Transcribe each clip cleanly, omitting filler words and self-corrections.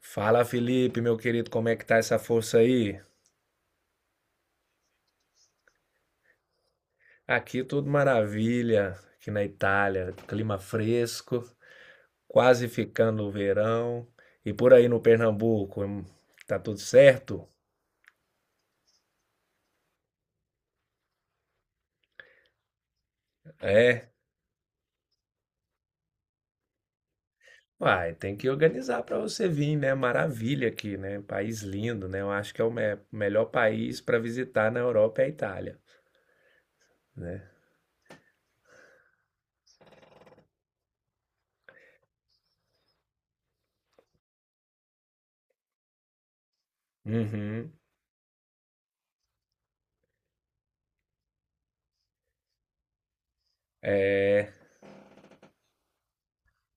Fala, Felipe, meu querido, como é que tá essa força aí? Aqui tudo maravilha, aqui na Itália, clima fresco, quase ficando o verão. E por aí no Pernambuco, tá tudo certo? É. Uai, tem que organizar para você vir, né? Maravilha aqui, né? País lindo, né? Eu acho que é o melhor país para visitar na Europa é a Itália, né? Uhum. É,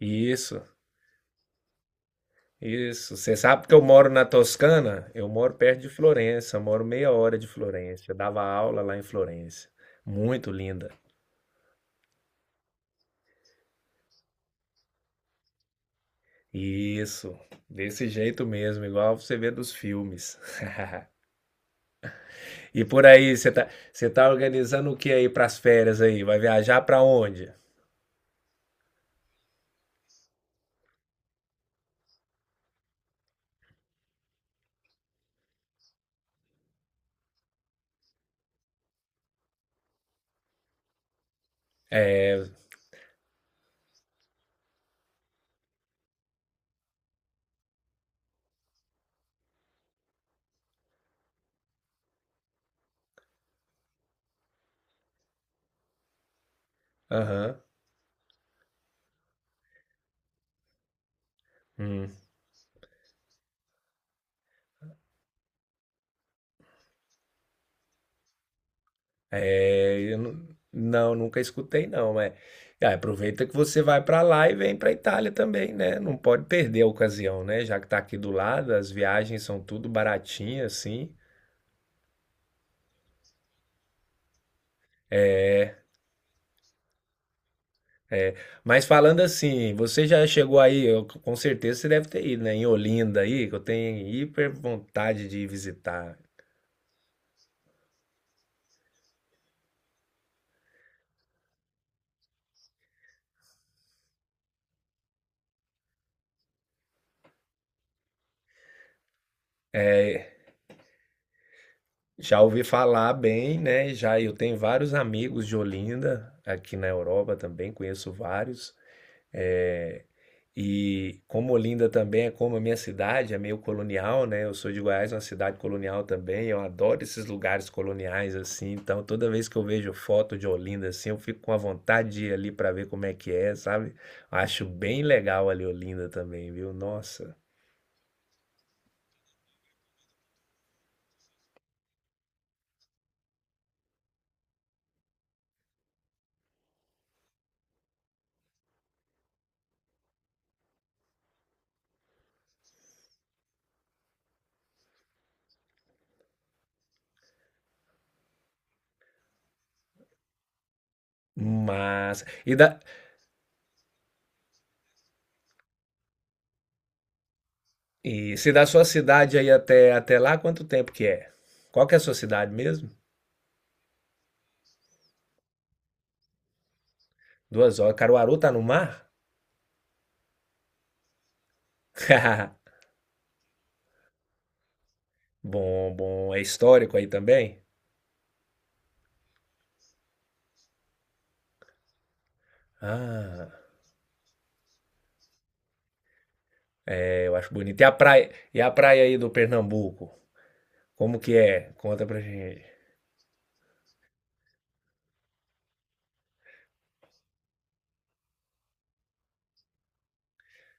isso. Isso, você sabe que eu moro na Toscana? Eu moro perto de Florença, moro meia hora de Florença. Eu dava aula lá em Florença. Muito linda. Isso, desse jeito mesmo, igual você vê dos filmes. E por aí, você tá organizando o que aí pras férias aí? Vai viajar pra onde? Aham. Hum. Eu não, nunca escutei não, é. Ah, aproveita que você vai para lá e vem para Itália também, né? Não pode perder a ocasião, né? Já que tá aqui do lado, as viagens são tudo baratinhas assim. Mas falando assim, você já chegou aí, com certeza você deve ter ido, né? Em Olinda aí, que eu tenho hiper vontade de ir visitar. Já ouvi falar bem, né? Já eu tenho vários amigos de Olinda aqui na Europa também, conheço vários. É, e como Olinda também é como a minha cidade, é meio colonial, né? Eu sou de Goiás, uma cidade colonial também. Eu adoro esses lugares coloniais assim. Então, toda vez que eu vejo foto de Olinda assim, eu fico com a vontade de ir ali para ver como é que é, sabe? Acho bem legal ali Olinda também, viu? Nossa, massa. E se da sua cidade aí até lá, quanto tempo que é? Qual que é a sua cidade mesmo? 2 horas. Caruaru tá no mar? Bom, bom. É histórico aí também? Ah. Eu acho bonito. E a praia aí do Pernambuco? Como que é? Conta pra gente.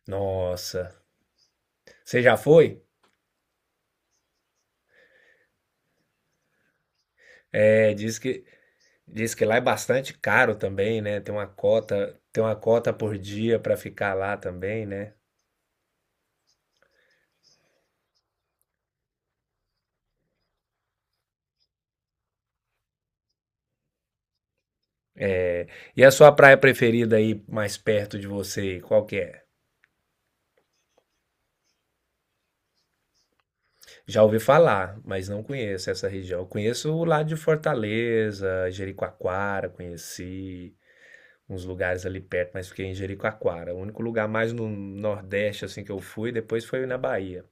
Nossa. Você já foi? É, diz que lá é bastante caro também, né? Tem uma cota por dia pra ficar lá também, né? É, e a sua praia preferida aí mais perto de você, qual que é? Já ouvi falar, mas não conheço essa região. Eu conheço o lado de Fortaleza, Jericoacoara, conheci. Uns lugares ali perto, mas fiquei em Jericoacoara. O único lugar mais no Nordeste assim que eu fui, depois foi na Bahia.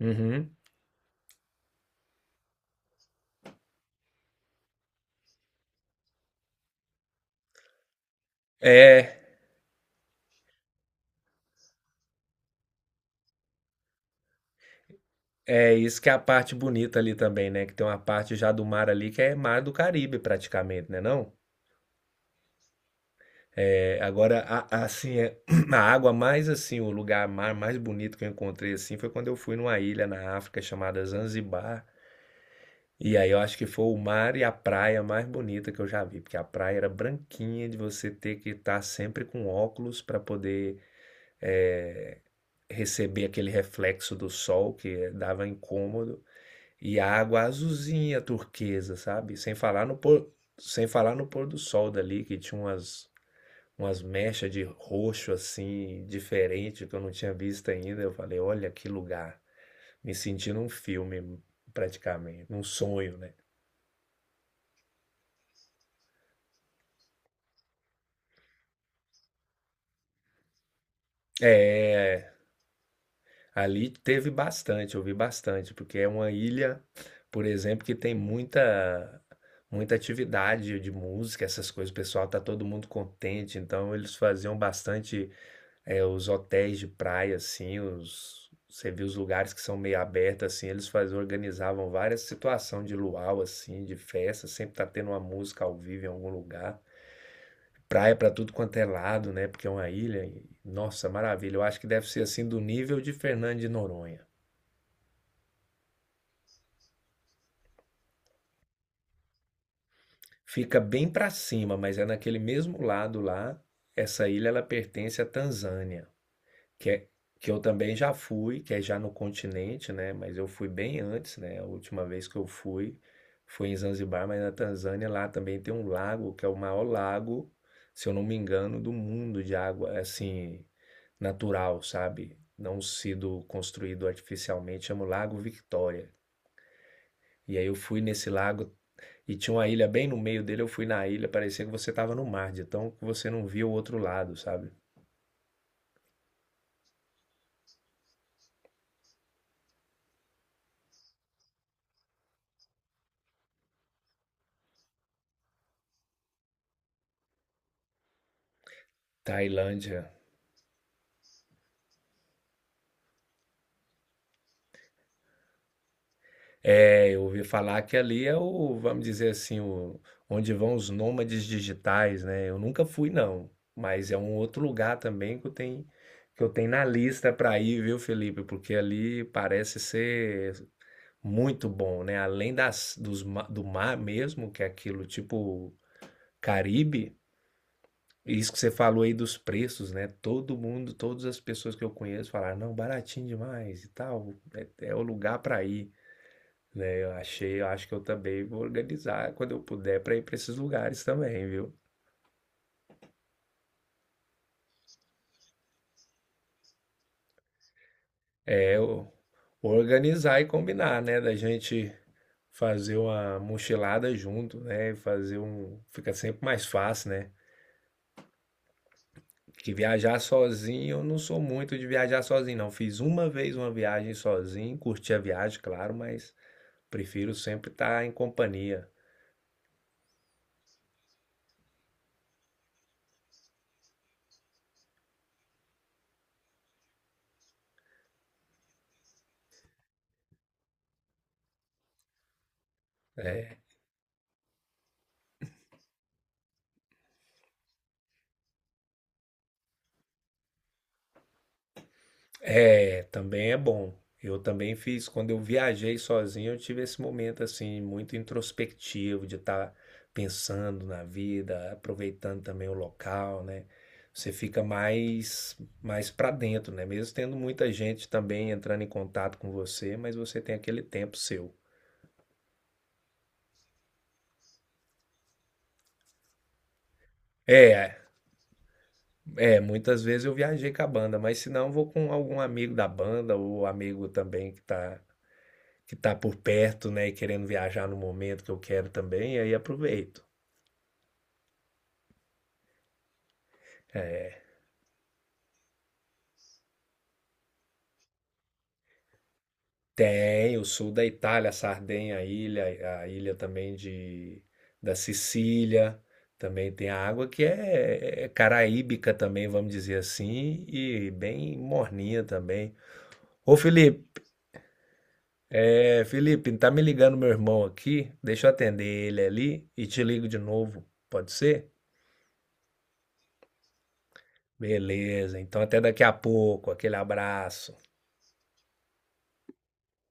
Uhum. É, é isso que é a parte bonita ali também, né? Que tem uma parte já do mar ali que é mar do Caribe praticamente, né não? É, agora assim é, a água mais assim, o lugar mar mais bonito que eu encontrei assim foi quando eu fui numa ilha na África chamada Zanzibar. E aí eu acho que foi o mar e a praia mais bonita que eu já vi, porque a praia era branquinha de você ter que estar sempre com óculos para poder eh, receber aquele reflexo do sol que dava incômodo, e a água azulzinha, turquesa, sabe? Sem falar no pôr do sol dali, que tinha umas, umas mechas de roxo assim, diferente, que eu não tinha visto ainda. Eu falei, olha que lugar, me senti num filme praticamente, num sonho, né? É, ali teve bastante, eu vi bastante, porque é uma ilha, por exemplo, que tem muita muita atividade de música, essas coisas. O pessoal tá todo mundo contente, então eles faziam bastante os hotéis de praia, assim, os você viu os lugares que são meio abertos, assim, eles faziam, organizavam várias situações de luau, assim, de festa, sempre tá tendo uma música ao vivo em algum lugar. Praia pra tudo quanto é lado, né? Porque é uma ilha. Nossa, maravilha. Eu acho que deve ser assim do nível de Fernando de Noronha. Fica bem para cima, mas é naquele mesmo lado lá. Essa ilha ela pertence à Tanzânia, que é que eu também já fui, que é já no continente, né? Mas eu fui bem antes, né? A última vez que eu fui foi em Zanzibar, mas na Tanzânia lá também tem um lago que é o maior lago, se eu não me engano, do mundo de água assim natural, sabe? Não sido construído artificialmente, chama o Lago Victoria. E aí eu fui nesse lago e tinha uma ilha bem no meio dele, eu fui na ilha, parecia que você tava no mar, de tão que você não via o outro lado, sabe? Tailândia. É, eu ouvi falar que ali é o, vamos dizer assim, o, onde vão os nômades digitais, né? Eu nunca fui, não, mas é um outro lugar também que eu tenho na lista para ir, viu, Felipe? Porque ali parece ser muito bom, né? Além das, dos, do mar mesmo, que é aquilo tipo Caribe, e isso que você falou aí dos preços, né? Todo mundo, todas as pessoas que eu conheço falaram, não, baratinho demais e tal, é, é o lugar para ir, né? Eu achei, eu acho que eu também vou organizar quando eu puder para ir para esses lugares também, viu? É, organizar e combinar, né? Da gente fazer uma mochilada junto, né? Fazer um, fica sempre mais fácil, né? Que viajar sozinho, eu não sou muito de viajar sozinho, não. Fiz uma vez uma viagem sozinho, curti a viagem, claro, mas prefiro sempre estar em companhia. Né? É, também é bom. Eu também fiz, quando eu viajei sozinho, eu tive esse momento assim, muito introspectivo, de estar pensando na vida, aproveitando também o local, né? Você fica mais, mais para dentro, né? Mesmo tendo muita gente também entrando em contato com você, mas você tem aquele tempo seu. É, é, muitas vezes eu viajei com a banda, mas se não, eu vou com algum amigo da banda ou amigo também que tá por perto, né, e querendo viajar no momento que eu quero também, e aí aproveito. Tem o sul da Itália, Sardenha, a ilha também de da Sicília, também tem a água que é, é caraíbica também, vamos dizer assim, e bem morninha também. Ô Felipe, Felipe, tá me ligando meu irmão aqui, deixa eu atender ele ali e te ligo de novo, pode ser? Beleza, então até daqui a pouco, aquele abraço.